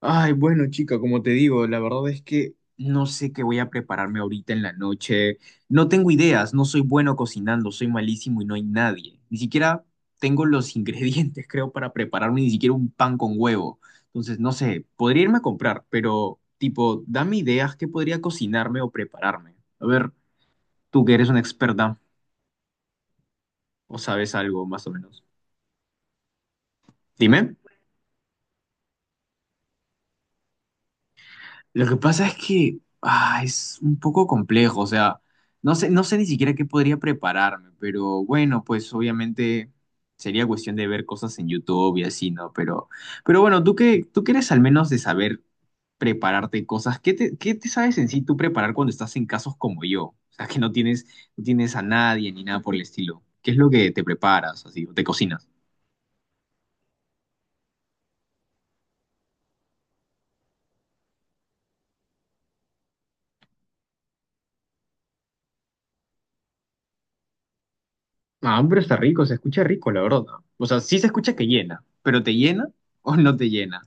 Ay, bueno, chica, como te digo, la verdad es que no sé qué voy a prepararme ahorita en la noche. No tengo ideas, no soy bueno cocinando, soy malísimo y no hay nadie. Ni siquiera tengo los ingredientes, creo, para prepararme ni siquiera un pan con huevo. Entonces, no sé, podría irme a comprar, pero tipo, dame ideas que podría cocinarme o prepararme. A ver, tú que eres una experta o sabes algo más o menos. Dime. Lo que pasa es que es un poco complejo, o sea, no sé, no sé ni siquiera qué podría prepararme, pero bueno, pues obviamente sería cuestión de ver cosas en YouTube y así, ¿no? Pero bueno, tú que eres al menos de saber prepararte cosas, ¿qué te sabes en sí tú preparar cuando estás en casos como yo? O sea, que no tienes a nadie ni nada por el estilo. ¿Qué es lo que te preparas, así, o te cocinas? Ah, pero está rico, se escucha rico, la verdad. O sea, sí se escucha que llena, pero ¿te llena o no te llena?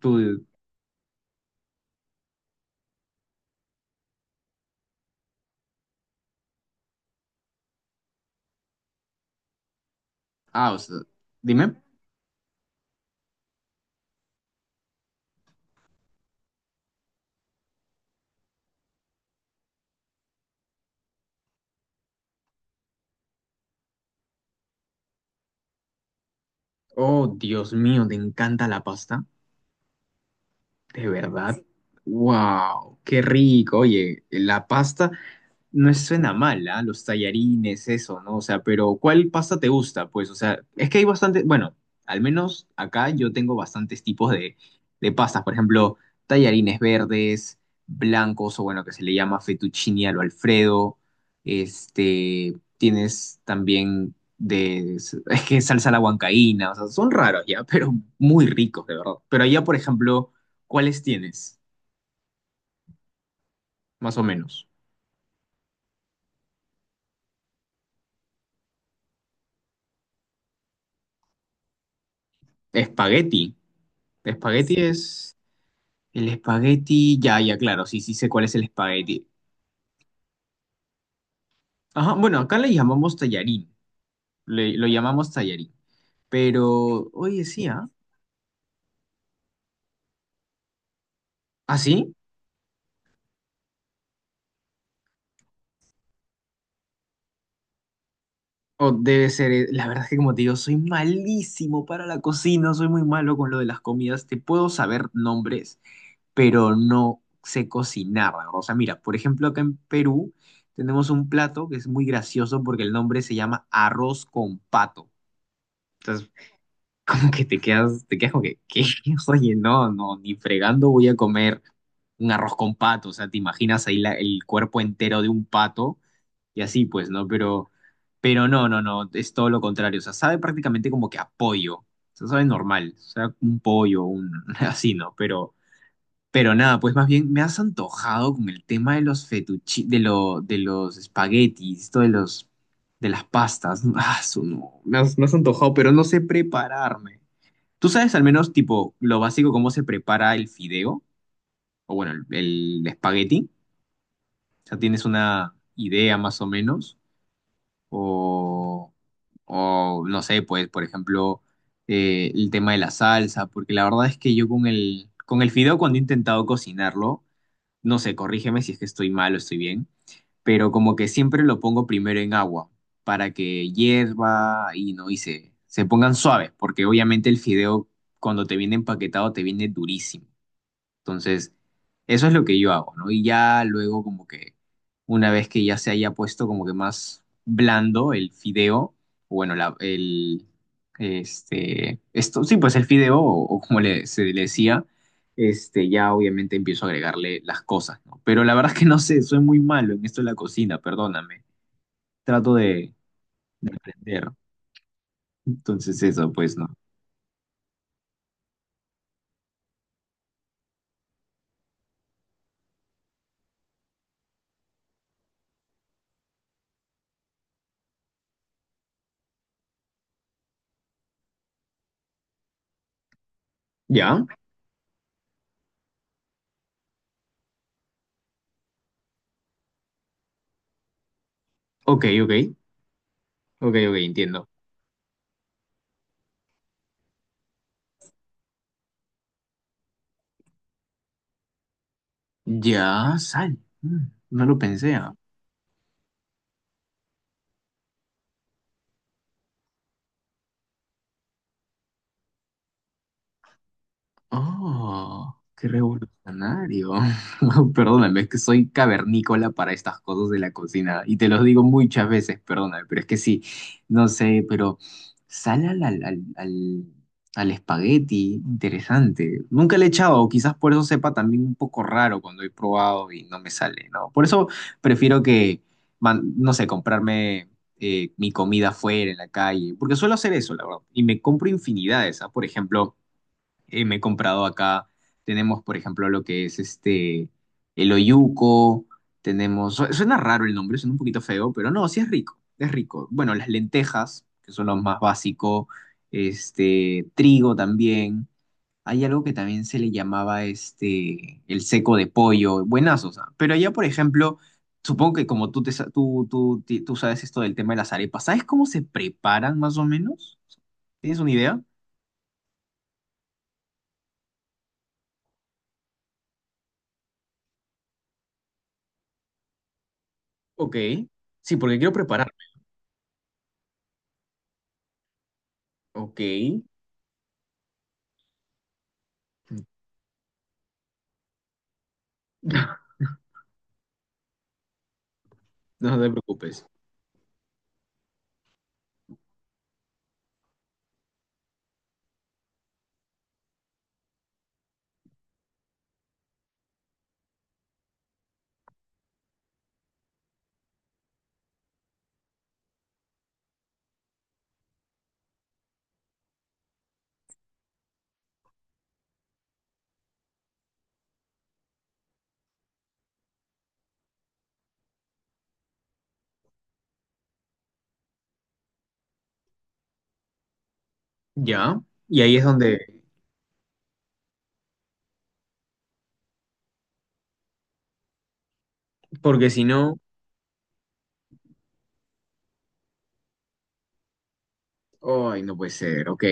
Tú. Ah, o sea, dime. Oh, Dios mío, ¿te encanta la pasta? ¿De verdad? Sí. ¡Wow! ¡Qué rico! Oye, la pasta. No suena mal, ¿ah? Los tallarines, eso, ¿no? O sea, pero ¿cuál pasta te gusta? Pues, o sea, es que hay bastante, bueno, al menos acá yo tengo bastantes tipos de pastas. Por ejemplo, tallarines verdes, blancos, o bueno, que se le llama fettuccine al Alfredo. Este, tienes también de, es que salsa a la huancaína, o sea, son raros ya, pero muy ricos, de verdad. Pero allá, por ejemplo, ¿cuáles tienes? Más o menos. Espagueti. Espagueti es... El espagueti, ya, ya, claro, sí, sí sé cuál es el espagueti. Ajá, bueno, acá le llamamos tallarín, lo llamamos tallarín, pero, oye, sí, ¿ah? ¿Ah, sí? O debe ser, la verdad es que como te digo, soy malísimo para la cocina, soy muy malo con lo de las comidas, te puedo saber nombres, pero no sé cocinar, ¿no? O sea, mira, por ejemplo, acá en Perú tenemos un plato que es muy gracioso porque el nombre se llama arroz con pato. Entonces, como que te quedas como que, ¿qué? Oye, no, no, ni fregando voy a comer un arroz con pato, o sea, te imaginas ahí el cuerpo entero de un pato y así, pues, ¿no? Pero no, no, no, es todo lo contrario, o sea, sabe prácticamente como que a pollo, o sea, sabe normal, o sea, un pollo, un, así, ¿no? Pero nada, pues más bien me has antojado con el tema de los fetuchi, de los espaguetis, de las pastas, ah, no, me has antojado, pero no sé prepararme. ¿Tú sabes al menos, tipo, lo básico, cómo se prepara el fideo? O bueno, el espagueti. O sea, ¿tienes una idea más o menos? O, o no sé, pues, por ejemplo, el tema de la salsa. Porque la verdad es que yo con con el fideo, cuando he intentado cocinarlo, no sé, corrígeme si es que estoy mal o estoy bien, pero como que siempre lo pongo primero en agua para que hierva y no, y se pongan suaves. Porque obviamente el fideo, cuando te viene empaquetado, te viene durísimo. Entonces, eso es lo que yo hago, ¿no? Y ya luego como que una vez que ya se haya puesto como que más blando el fideo, o bueno, el, este, esto, sí, pues el fideo, o como le, se le decía, este, ya obviamente empiezo a agregarle las cosas, ¿no? Pero la verdad es que no sé, soy muy malo en esto de la cocina, perdóname. Trato de entender. Entonces eso, pues, ¿no? Ya, ok, ok, ok, ok, entiendo. Ya, sal. Mm, no lo pensé, ah. Oh, qué revolucionario. Perdóname, es que soy cavernícola para estas cosas de la cocina y te los digo muchas veces, perdóname, pero es que sí, no sé, pero sal al espagueti, interesante. Nunca le he echado, quizás por eso sepa también un poco raro cuando he probado y no me sale, ¿no? Por eso prefiero que, no sé, comprarme mi comida fuera, en la calle, porque suelo hacer eso, la verdad, y me compro infinidades, ¿ah? Por ejemplo me he comprado acá. Tenemos, por ejemplo, lo que es este, el oyuco. Tenemos, suena raro el nombre, suena un poquito feo, pero no, sí es rico, es rico. Bueno, las lentejas, que son lo más básico. Este, trigo también. Hay algo que también se le llamaba este, el seco de pollo. Buenazos, ¿ah? Pero allá, por ejemplo, supongo que como tú, te, sa- tú, ti- tú sabes esto del tema de las arepas, ¿sabes cómo se preparan más o menos? ¿Tienes una idea? Ok. Sí, porque quiero preparar. Ok, no te preocupes. Ya, y ahí es donde, porque si no, ay, no puede ser, ok.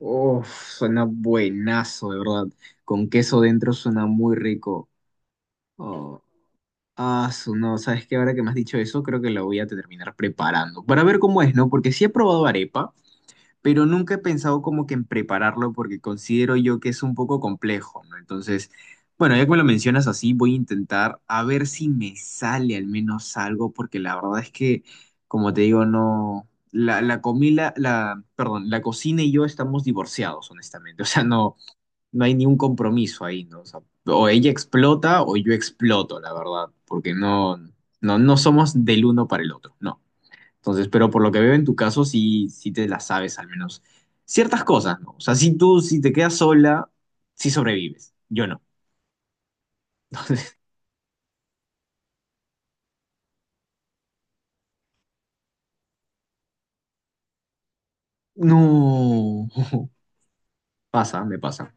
Uf, suena buenazo, de verdad. Con queso dentro suena muy rico. Oh, ah, no, ¿sabes qué? Ahora que me has dicho eso, creo que lo voy a terminar preparando. Para ver cómo es, ¿no? Porque sí he probado arepa, pero nunca he pensado como que en prepararlo porque considero yo que es un poco complejo, ¿no? Entonces, bueno, ya que me lo mencionas así, voy a intentar a ver si me sale al menos algo, porque la verdad es que, como te digo, no, la comida, perdón, la cocina y yo estamos divorciados, honestamente, o sea, no, no hay ni un compromiso ahí, ¿no? O sea, o ella explota o yo exploto, la verdad, porque no, no, no somos del uno para el otro, no. Entonces, pero por lo que veo en tu caso, sí, sí te la sabes al menos. Ciertas cosas, ¿no? O sea, si tú, si te quedas sola, sí sobrevives. Yo no. No. Pasa, me pasa.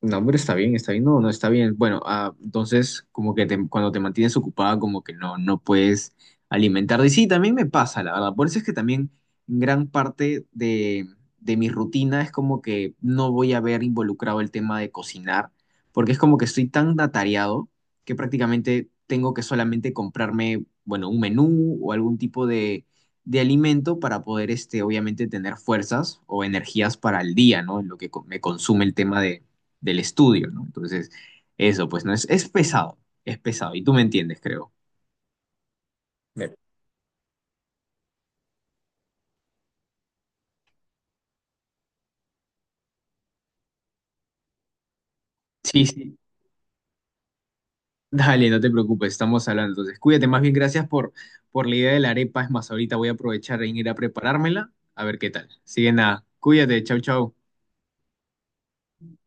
No, hombre, está bien, no, no está bien. Bueno, ah, entonces como que cuando te mantienes ocupada como que no, no puedes alimentarte. Y sí, también me pasa, la verdad. Por eso es que también gran parte de mi rutina es como que no voy a ver involucrado el tema de cocinar, porque es como que estoy tan atareado que prácticamente tengo que solamente comprarme, bueno, un menú o algún tipo de alimento para poder, este, obviamente, tener fuerzas o energías para el día, ¿no? En lo que me consume el tema de del estudio, ¿no? Entonces, eso, pues no es, es pesado, es pesado. Y tú me entiendes, creo. Me-. Sí, sí. Dale, no te preocupes, estamos hablando. Entonces, cuídate, más bien gracias por la idea de la arepa. Es más, ahorita voy a aprovechar en ir a preparármela, a ver qué tal. Así que nada, cuídate, chau, chau.